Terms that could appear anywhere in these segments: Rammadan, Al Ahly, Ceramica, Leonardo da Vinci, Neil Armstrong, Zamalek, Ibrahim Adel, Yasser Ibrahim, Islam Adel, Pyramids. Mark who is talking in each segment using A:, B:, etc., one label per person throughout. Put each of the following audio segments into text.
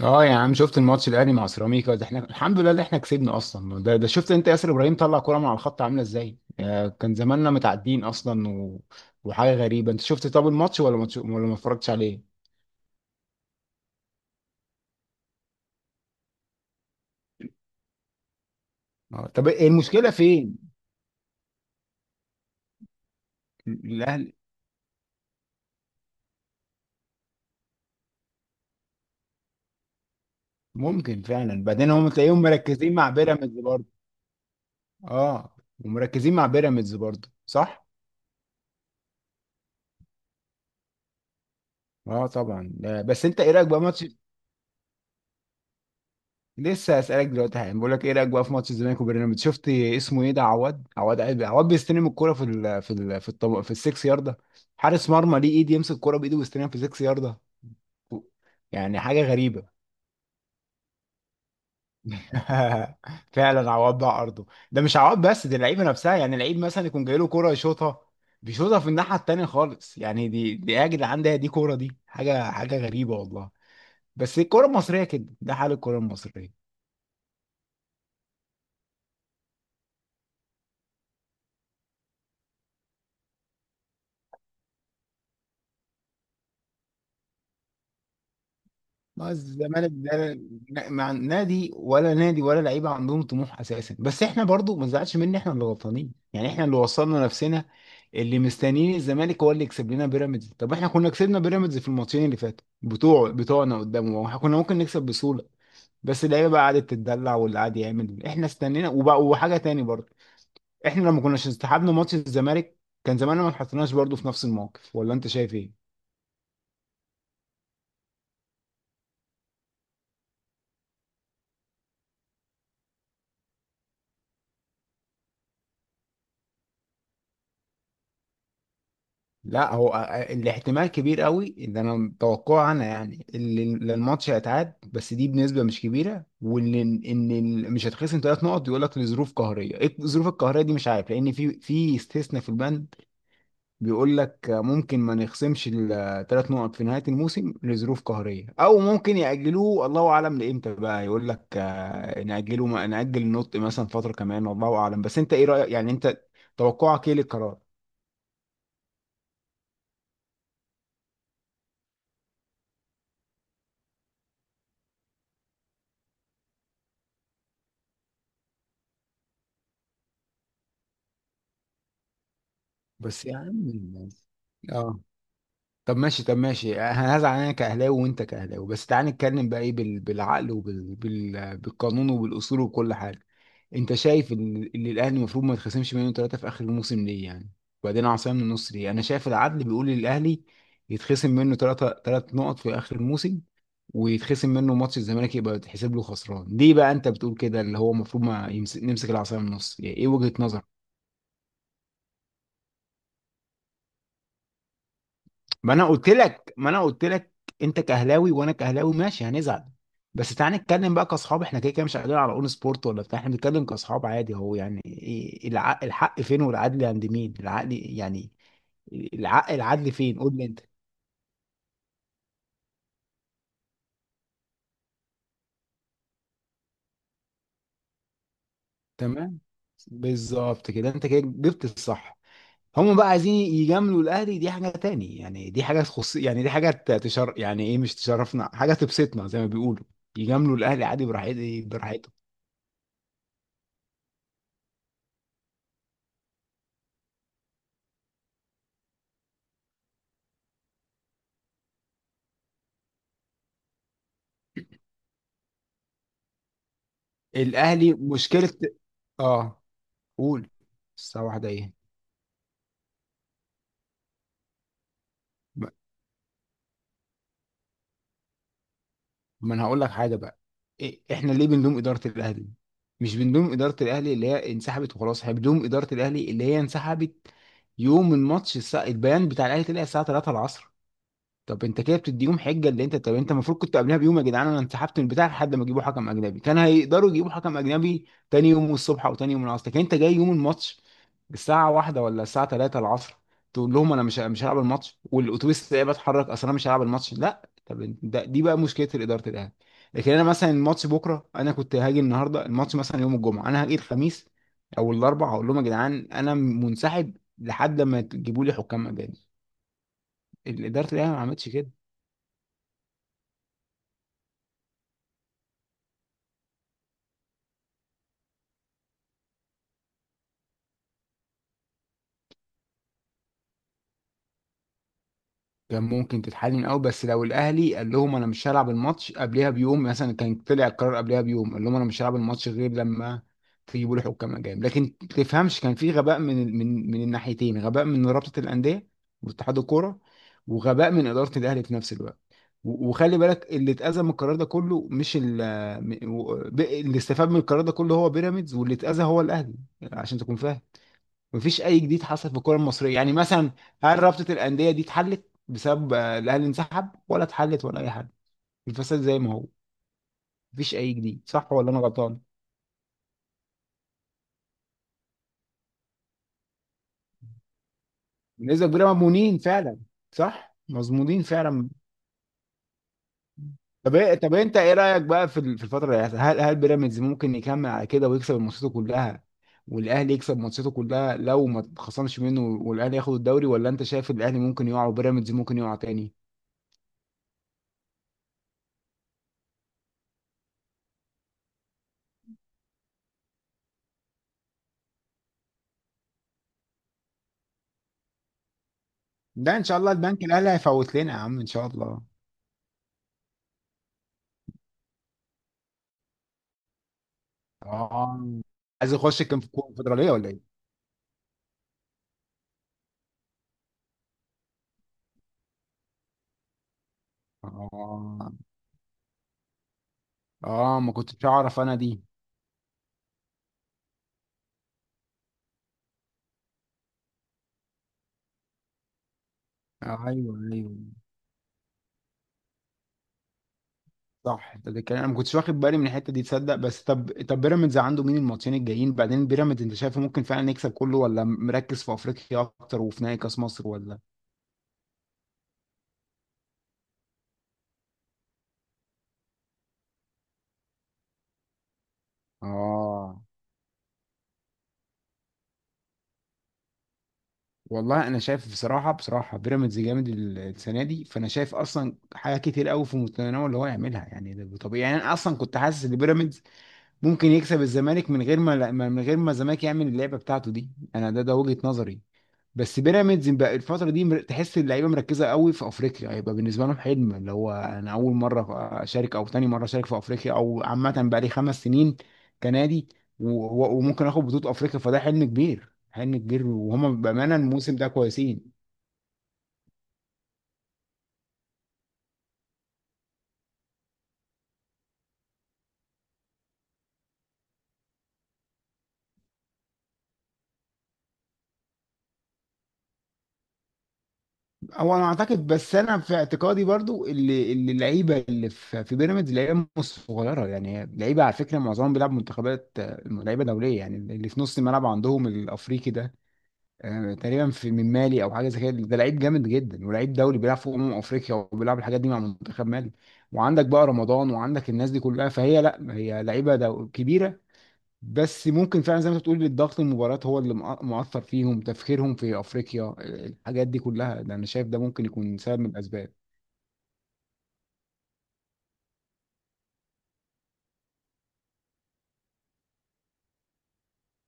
A: اه يا عم، شفت الماتش الاهلي مع سيراميكا. ده احنا الحمد لله اللي احنا كسبنا اصلا ده شفت انت ياسر ابراهيم طلع كوره من على الخط عامله ازاي؟ كان زماننا متعدين اصلا وحاجه غريبه. انت شفت طب الماتش ولا ماتش ولا ما اتفرجتش عليه؟ طب المشكله فين؟ الاهلي ممكن فعلا بعدين هم تلاقيهم مركزين مع بيراميدز برضه. اه، ومركزين مع بيراميدز برضه، صح. اه، طبعا. بس انت ايه رايك بقى ماتش؟ لسه هسألك دلوقتي حالا، بقول لك ايه رأيك بقى في ماتش الزمالك وبيراميدز؟ شفت اسمه ايه ده، عواد بيستلم الكرة في ال في ال في الطب... في السكس ياردة. حارس مرمى ليه ايد يمسك الكرة بايده ويستلمها في السكس ياردة؟ يعني حاجة غريبة. فعلا عواد بقى ارضه. ده مش عواد بس، دي اللعيبة نفسها. يعني اللعيب مثلا يكون جاي له كرة يشوطها، بيشوطها في الناحية التانية خالص. يعني دي يا جدعان، ده دي كورة، دي حاجة غريبة والله. بس الكرة المصرية كده، ده حال الكرة المصرية. ما الزمالك ده مع نادي ولا نادي ولا لعيبه عندهم طموح اساسا. بس احنا برضو ما نزعلش، مني احنا اللي غلطانين، يعني احنا اللي وصلنا نفسنا. اللي مستنيين الزمالك هو اللي يكسب لنا بيراميدز. طب احنا كنا كسبنا بيراميدز في الماتشين اللي فاتوا بتوع بتوعنا قدامه، واحنا كنا ممكن نكسب بسهوله، بس اللعيبه بقى قعدت تتدلع، واللي قعد يعمل، احنا استنينا وبقى وحاجه تاني برضو. احنا لما كناش استحبنا ماتش الزمالك، كان زماننا ما اتحطيناش برضو في نفس الموقف، ولا انت شايف ايه؟ لا، هو الاحتمال كبير قوي ان انا متوقعه انا يعني اللي الماتش هيتعاد، بس دي بنسبه مش كبيره، وان ان مش هتخصم ثلاث نقط. يقول لك لظروف قهريه. ايه الظروف القهريه دي؟ مش عارف، لان في استثناء في البند بيقول لك ممكن ما نخصمش الثلاث نقط في نهايه الموسم لظروف قهريه، او ممكن ياجلوه، الله اعلم لامتى بقى. يقول لك ناجله، ناجل النطق مثلا فتره كمان، الله اعلم. بس انت ايه رايك يعني؟ انت توقعك ايه للقرار؟ بس يا عم الناس. اه. طب ماشي، طب ماشي، هزعل. انا كاهلاوي وانت كاهلاوي، بس تعال نتكلم بقى ايه بالعقل وبالقانون وبالاصول وكل حاجه. انت شايف ان إن الاهلي المفروض ما يتخصمش منه ثلاثه في اخر الموسم؟ ليه يعني؟ وبعدين عصام من النصر، ليه؟ انا شايف العدل بيقول للاهلي يتخصم منه ثلاثه ثلاث نقط في اخر الموسم، ويتخصم منه ماتش الزمالك يبقى يتحسب له خسران. ليه بقى انت بتقول كده اللي هو المفروض ما يمسك نمسك العصا من النص؟ يعني ايه وجهة نظرك؟ ما انا قلت لك، انت كاهلاوي وانا كاهلاوي، ماشي، هنزعل، بس تعالى نتكلم بقى كاصحاب. احنا كده كده مش قاعدين على اون سبورت ولا بتاع، احنا بنتكلم كاصحاب عادي. هو يعني إيه الحق فين، والعدل عند مين، العقل يعني، العقل العدل فين؟ قول لي انت. تمام، بالظبط كده، انت كده جبت الصح. هم بقى عايزين يجاملوا الاهلي، دي حاجه تاني، يعني دي حاجه تخص، يعني دي حاجه يعني ايه، مش تشرفنا، حاجه تبسطنا زي ما بيقولوا. يجاملوا الاهلي عادي براحتهم. الاهلي مشكله. اه، قول. الساعه واحدة ايه؟ ما ما انا هقول لك حاجه بقى. إيه احنا ليه بنلوم اداره الاهلي؟ مش بنلوم اداره الاهلي اللي هي انسحبت وخلاص، احنا بنلوم اداره الاهلي اللي هي انسحبت يوم الماتش. الساعة البيان بتاع الاهلي طلع الساعه 3 العصر. طب انت كده بتديهم حجه. اللي انت، طب انت المفروض كنت قبلها بيوم يا جدعان، انا انسحبت من البتاع لحد ما يجيبوا حكم اجنبي. كان هيقدروا يجيبوا حكم اجنبي تاني يوم الصبح او تاني يوم العصر، لكن انت جاي يوم الماتش الساعه واحدة ولا الساعه 3 العصر تقول لهم انا مش هلعب الماتش والاتوبيس ده بتحرك، اصل انا مش هلعب الماتش؟ لا، طب انت- ده دي بقى مشكله الاداره الاهلي. لكن انا مثلا الماتش بكره، انا كنت هاجي النهارده الماتش، مثلا يوم الجمعه انا هاجي الخميس او الاربع، هقول لهم يا جدعان انا منسحب لحد ما تجيبوا لي حكام اجانب. الاداره الاهلي ما عملتش كده. كان ممكن تتحل من الاول، بس لو الاهلي قال لهم انا مش هلعب الماتش قبلها بيوم مثلا، كان طلع القرار قبلها بيوم، قال لهم انا مش هلعب الماتش غير لما تجيبوا لي حكام اجانب. لكن تفهمش، كان في غباء من من الناحيتين، غباء من رابطه الانديه واتحاد الكوره، وغباء من اداره الاهلي في نفس الوقت. وخلي بالك اللي اتأذى من القرار ده كله، مش ال م- و- ب- اللي استفاد من القرار ده كله هو بيراميدز، واللي اتأذى هو الاهلي، عشان تكون فاهم. مفيش اي جديد حصل في الكره المصريه. يعني مثلا هل رابطه الانديه دي اتحلت بسبب الاهلي انسحب، ولا اتحلت ولا اي حاجه؟ الفساد زي ما هو. مفيش اي جديد، صح ولا انا غلطان؟ بنسبه كبيره مضمونين فعلا. صح، مضمونين فعلا. طب طب انت ايه رايك بقى في الفتره اللي هتحصل؟ هل بيراميدز ممكن يكمل على كده ويكسب ماتشاته كلها، والاهلي يكسب ماتشاته كلها لو ما اتخصمش منه، والاهلي ياخد الدوري؟ ولا انت شايف الاهلي ممكن يقع وبيراميدز ممكن يقع تاني؟ ده ان شاء الله البنك الاهلي هيفوت لنا يا عم ان شاء الله. اه. عايز اخش كان في الكونفدراليه ولا ايه؟ اه. اه، ما كنتش اعرف انا دي. ايوه، ايوه، صح. ده كان انا ما كنتش واخد بالي من الحته دي، تصدق؟ بس طب بيراميدز عنده مين الماتشين الجايين بعدين؟ بيراميدز انت شايفه ممكن فعلا يكسب كله، ولا مركز في افريقيا اكتر وفي نهائي كاس مصر، ولا؟ اه، والله انا شايف بصراحه، بصراحه بيراميدز جامد السنه دي، فانا شايف اصلا حاجه كتير قوي في متناول اللي هو يعملها، يعني ده طبيعي. يعني انا اصلا كنت حاسس ان بيراميدز ممكن يكسب الزمالك من غير ما الزمالك يعمل اللعبه بتاعته دي. انا ده وجهه نظري. بس بيراميدز بقى الفتره دي تحس اللعيبه مركزه قوي في افريقيا، هيبقى بالنسبه لهم حلم اللي هو انا اول مره اشارك او تاني مره اشارك في افريقيا، او عامه بقى لي خمس سنين كنادي. و- وممكن اخد بطوله افريقيا، فده حلم كبير، حلم كبير، وهما بامانه الموسم ده كويسين. هو انا اعتقد، بس انا في اعتقادي برضو اللي اللعيبه اللي في بيراميدز لعيبه مش صغيره. يعني لعيبه على فكره معظمهم بيلعب منتخبات، لعيبه دوليه. يعني اللي في نص الملعب عندهم الافريقي ده، تقريبا في من مالي او حاجه زي كده، ده لعيب جامد جدا ولعيب دولي بيلعب في افريقيا وبيلعب الحاجات دي مع منتخب مالي. وعندك بقى رمضان وعندك الناس دي كلها، فهي لا، هي لعيبه كبيره. بس ممكن فعلا زي ما انت بتقول الضغط المباريات هو اللي مؤثر فيهم، تفكيرهم في افريقيا الحاجات دي كلها، ده انا شايف ده ممكن يكون سبب من الاسباب.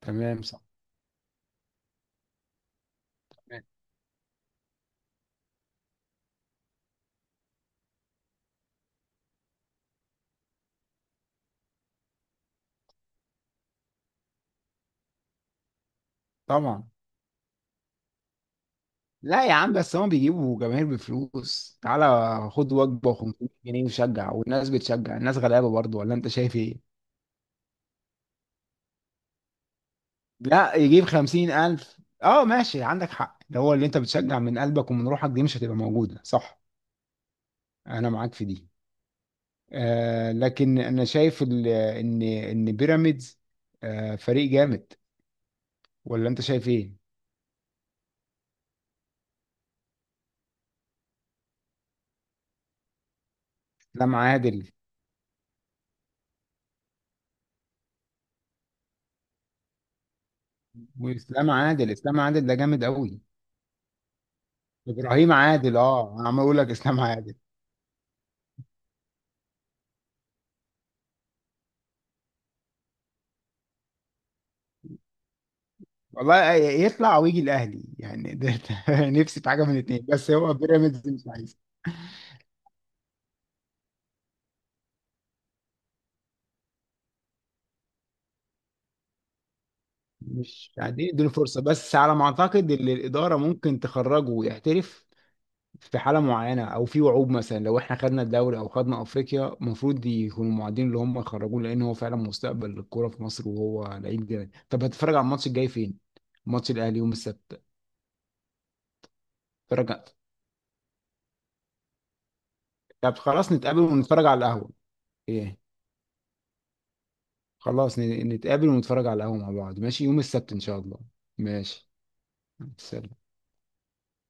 A: تمام صح. تمام. طبعا. لا يا عم، بس هم بيجيبوا جماهير بفلوس، تعالى خد وجبه و500 جنيه وشجع. والناس بتشجع، الناس غلابه برضو، ولا انت شايف ايه؟ لا، يجيب 50,000. اه، ماشي، عندك حق، ده هو اللي انت بتشجع من قلبك ومن روحك دي مش هتبقى موجوده، صح. انا معاك في دي. آه، لكن انا شايف ان بيراميدز آه فريق جامد، ولا انت شايف ايه؟ اسلام عادل. واسلام عادل اسلام عادل ده جامد قوي. ابراهيم عادل، اه، انا عمال اقول لك اسلام عادل. والله يطلع ويجي الاهلي يعني ده. ده نفسي في حاجه من الاثنين. بس هو بيراميدز مش عايز، مش قاعدين يدوا فرصه. بس على ما اعتقد ان الاداره ممكن تخرجه ويحترف في حاله معينه، او في وعود مثلا لو احنا خدنا الدوري او خدنا افريقيا المفروض يكونوا معادين اللي هم يخرجوه، لان هو فعلا مستقبل الكوره في مصر وهو لعيب جامد. طب هتتفرج على الماتش الجاي فين؟ ماتش الاهلي يوم السبت. اتفرج. طب خلاص نتقابل ونتفرج على القهوه. ايه؟ خلاص، نتقابل ونتفرج على القهوه مع بعض، ماشي، يوم السبت ان شاء الله. ماشي. سلام.